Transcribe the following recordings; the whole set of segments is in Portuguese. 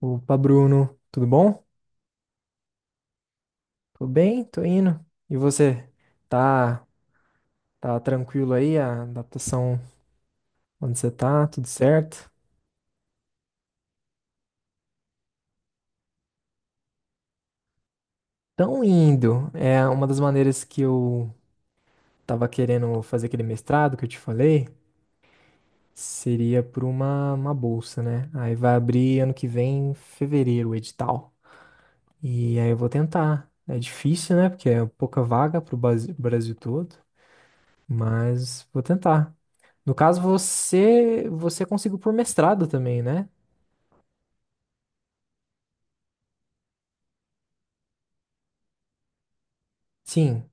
Opa, Bruno, tudo bom? Tô bem, tô indo. E você? Tá, tá tranquilo aí? A adaptação onde você tá? Tudo certo? Tão indo. É uma das maneiras que eu tava querendo fazer aquele mestrado que eu te falei, seria por uma bolsa, né? Aí vai abrir ano que vem, em fevereiro, o edital. E aí eu vou tentar. É difícil, né? Porque é pouca vaga pro Brasil todo, mas vou tentar. No caso, você conseguiu por mestrado também, né? Sim,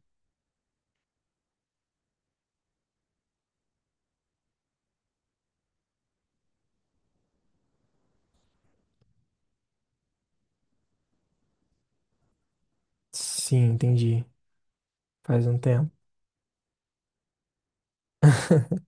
sim, entendi. Faz um tempo.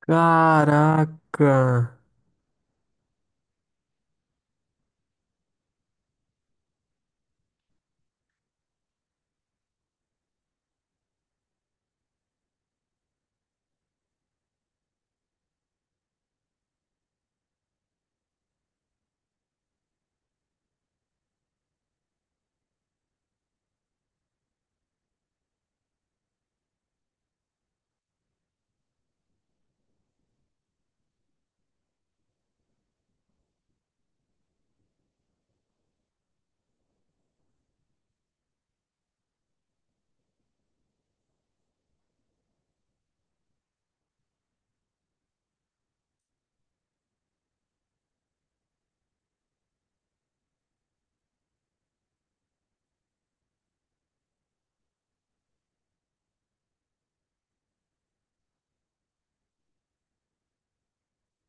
Caraca!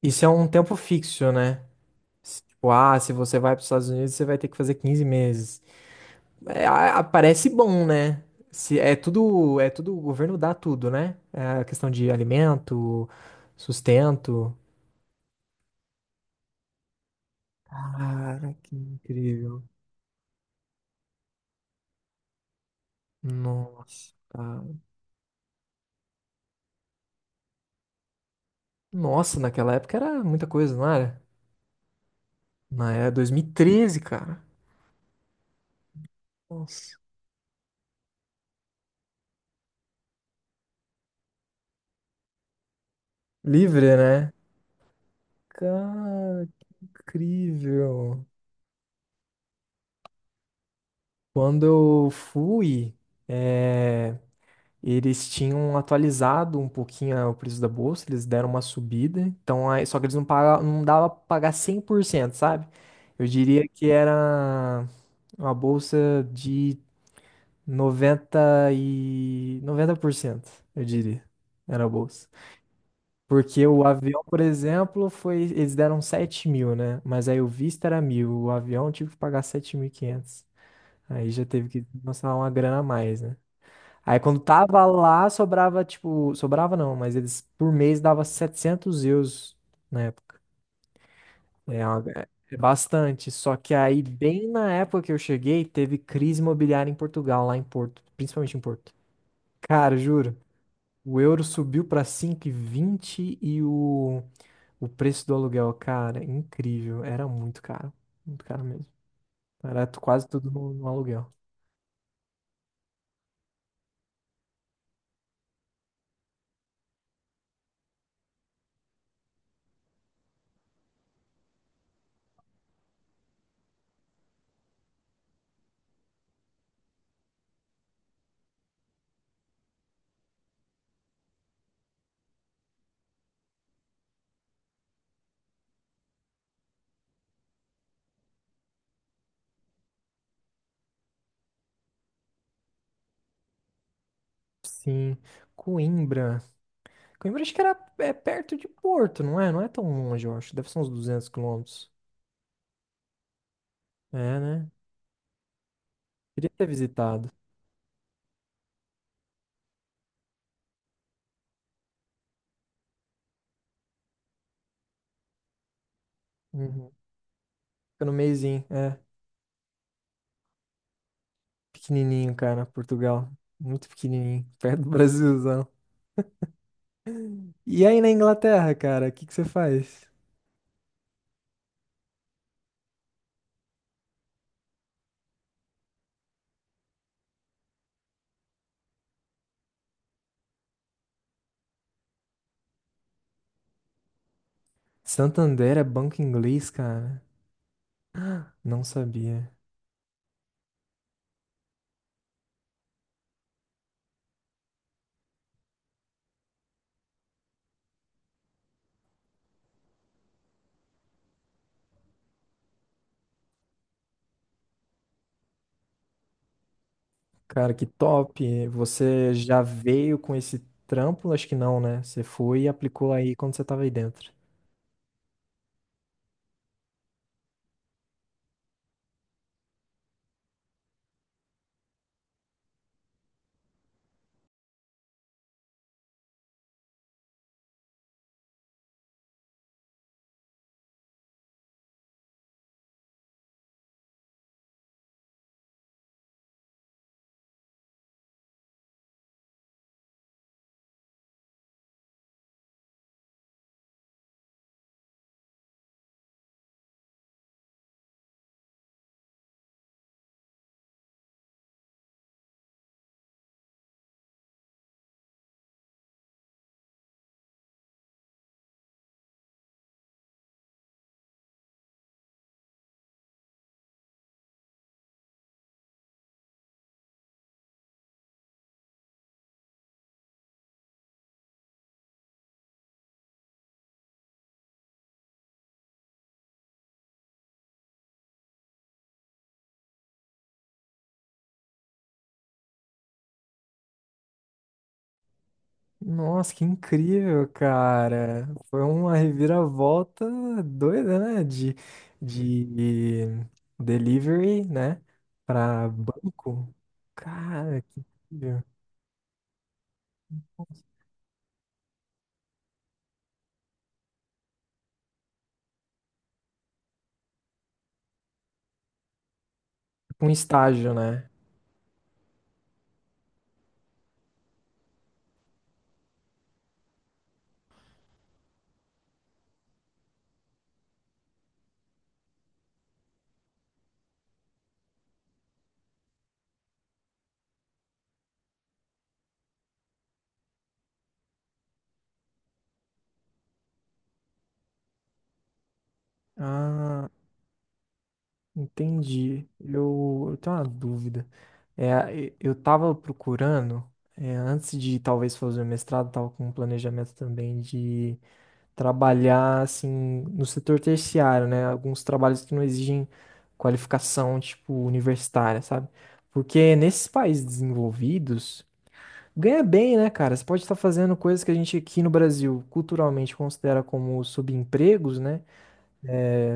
Isso é um tempo fixo, né? Tipo, ah, se você vai para os Estados Unidos, você vai ter que fazer 15 meses. É, parece bom, né? Se, é tudo, o governo dá tudo, né? É a questão de alimento, sustento. Cara, que incrível. Nossa, cara. Nossa, naquela época era muita coisa, não era? Mas é 2013, cara. Nossa. Livre, né? Cara, que incrível. Quando eu fui, é, eles tinham atualizado um pouquinho o preço da bolsa, eles deram uma subida. Então, aí, só que eles não pagavam, não dava pra pagar 100%, sabe? Eu diria que era uma bolsa de noventa, e 90%, eu diria. Era a bolsa. Porque o avião, por exemplo, foi. Eles deram 7.000, né? Mas aí o visto era 1.000. O avião eu tive que pagar 7.500. Aí já teve que lançar uma grana a mais, né? Aí quando tava lá, sobrava, tipo. Sobrava não, mas eles por mês dava 700 euros na época. É, é uma- É bastante. Só que aí, bem na época que eu cheguei, teve crise imobiliária em Portugal, lá em Porto. Principalmente em Porto. Cara, juro. O euro subiu pra 5,20 e o. O preço do aluguel, cara, é incrível. Era muito caro. Muito caro mesmo. Era quase tudo no aluguel. Sim. Coimbra. Coimbra acho que era perto de Porto, não é? Não é tão longe, eu acho. Deve ser uns 200 quilômetros. É, né? Queria ter visitado. Uhum. Fica no meiozinho, é. Pequenininho, cara, Portugal. Muito pequenininho. Perto do Brasilzão. E aí na Inglaterra, cara, o que que você faz? Santander é banco inglês, cara? Não sabia. Cara, que top. Você já veio com esse trampo? Acho que não, né? Você foi e aplicou aí quando você tava aí dentro. Nossa, que incrível, cara. Foi uma reviravolta doida, né? De delivery, né? Pra banco. Cara, que incrível. Um estágio, né? Ah. Entendi. Eu tenho uma dúvida. Eu estava procurando, antes de talvez fazer o mestrado, estava com um planejamento também de trabalhar assim no setor terciário, né? Alguns trabalhos que não exigem qualificação, tipo, universitária, sabe? Porque nesses países desenvolvidos, ganha bem, né, cara? Você pode estar fazendo coisas que a gente aqui no Brasil culturalmente considera como subempregos, né?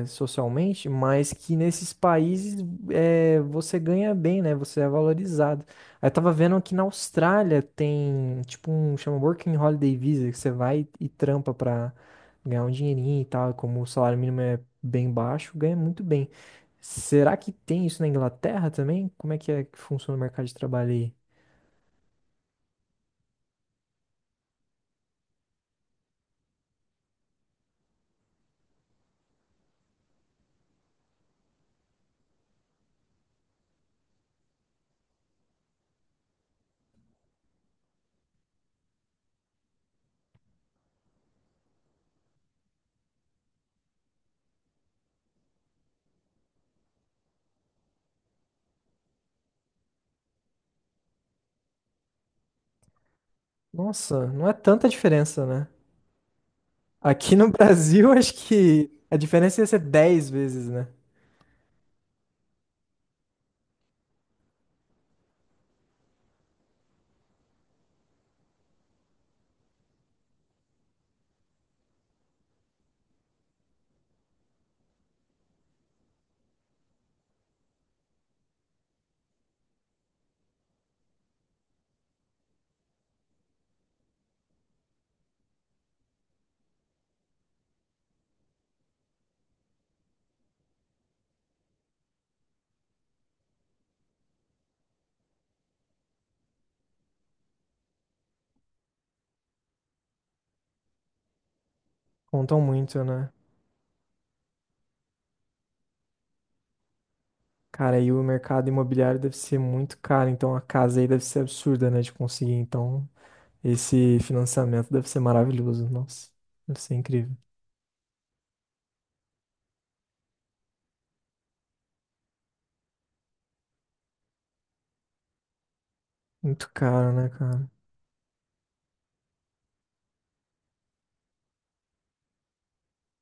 Socialmente, mas que nesses países você ganha bem, né? Você é valorizado. Aí eu tava vendo que na Austrália tem tipo um chama Working Holiday Visa, que você vai e trampa pra ganhar um dinheirinho e tal, e como o salário mínimo é bem baixo, ganha muito bem. Será que tem isso na Inglaterra também? Como é que funciona o mercado de trabalho aí? Nossa, não é tanta diferença, né? Aqui no Brasil, acho que a diferença ia ser 10 vezes, né? Contam muito, né? Cara, aí o mercado imobiliário deve ser muito caro, então a casa aí deve ser absurda, né, de conseguir. Então, esse financiamento deve ser maravilhoso. Nossa, deve ser incrível. Muito caro, né, cara?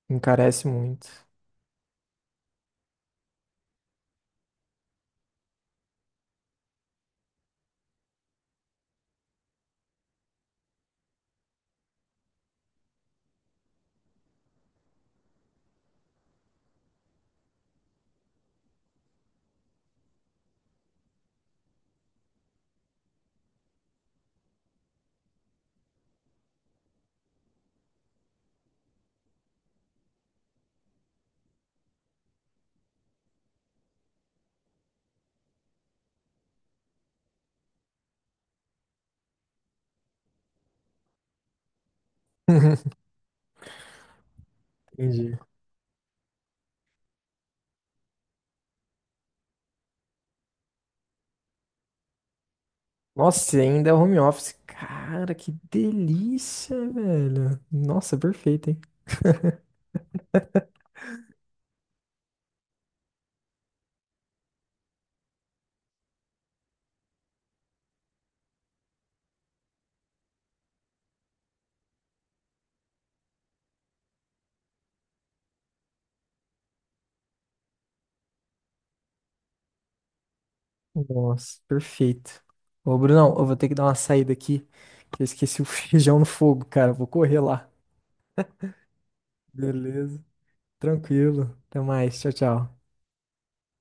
Encarece muito. Entendi. Nossa, e ainda é home office. Cara, que delícia, velho. Nossa, perfeito, hein? Nossa, perfeito. Ô, Brunão, eu vou ter que dar uma saída aqui, que eu esqueci o feijão no fogo, cara. Vou correr lá. Beleza. Tranquilo. Até mais. Tchau, tchau.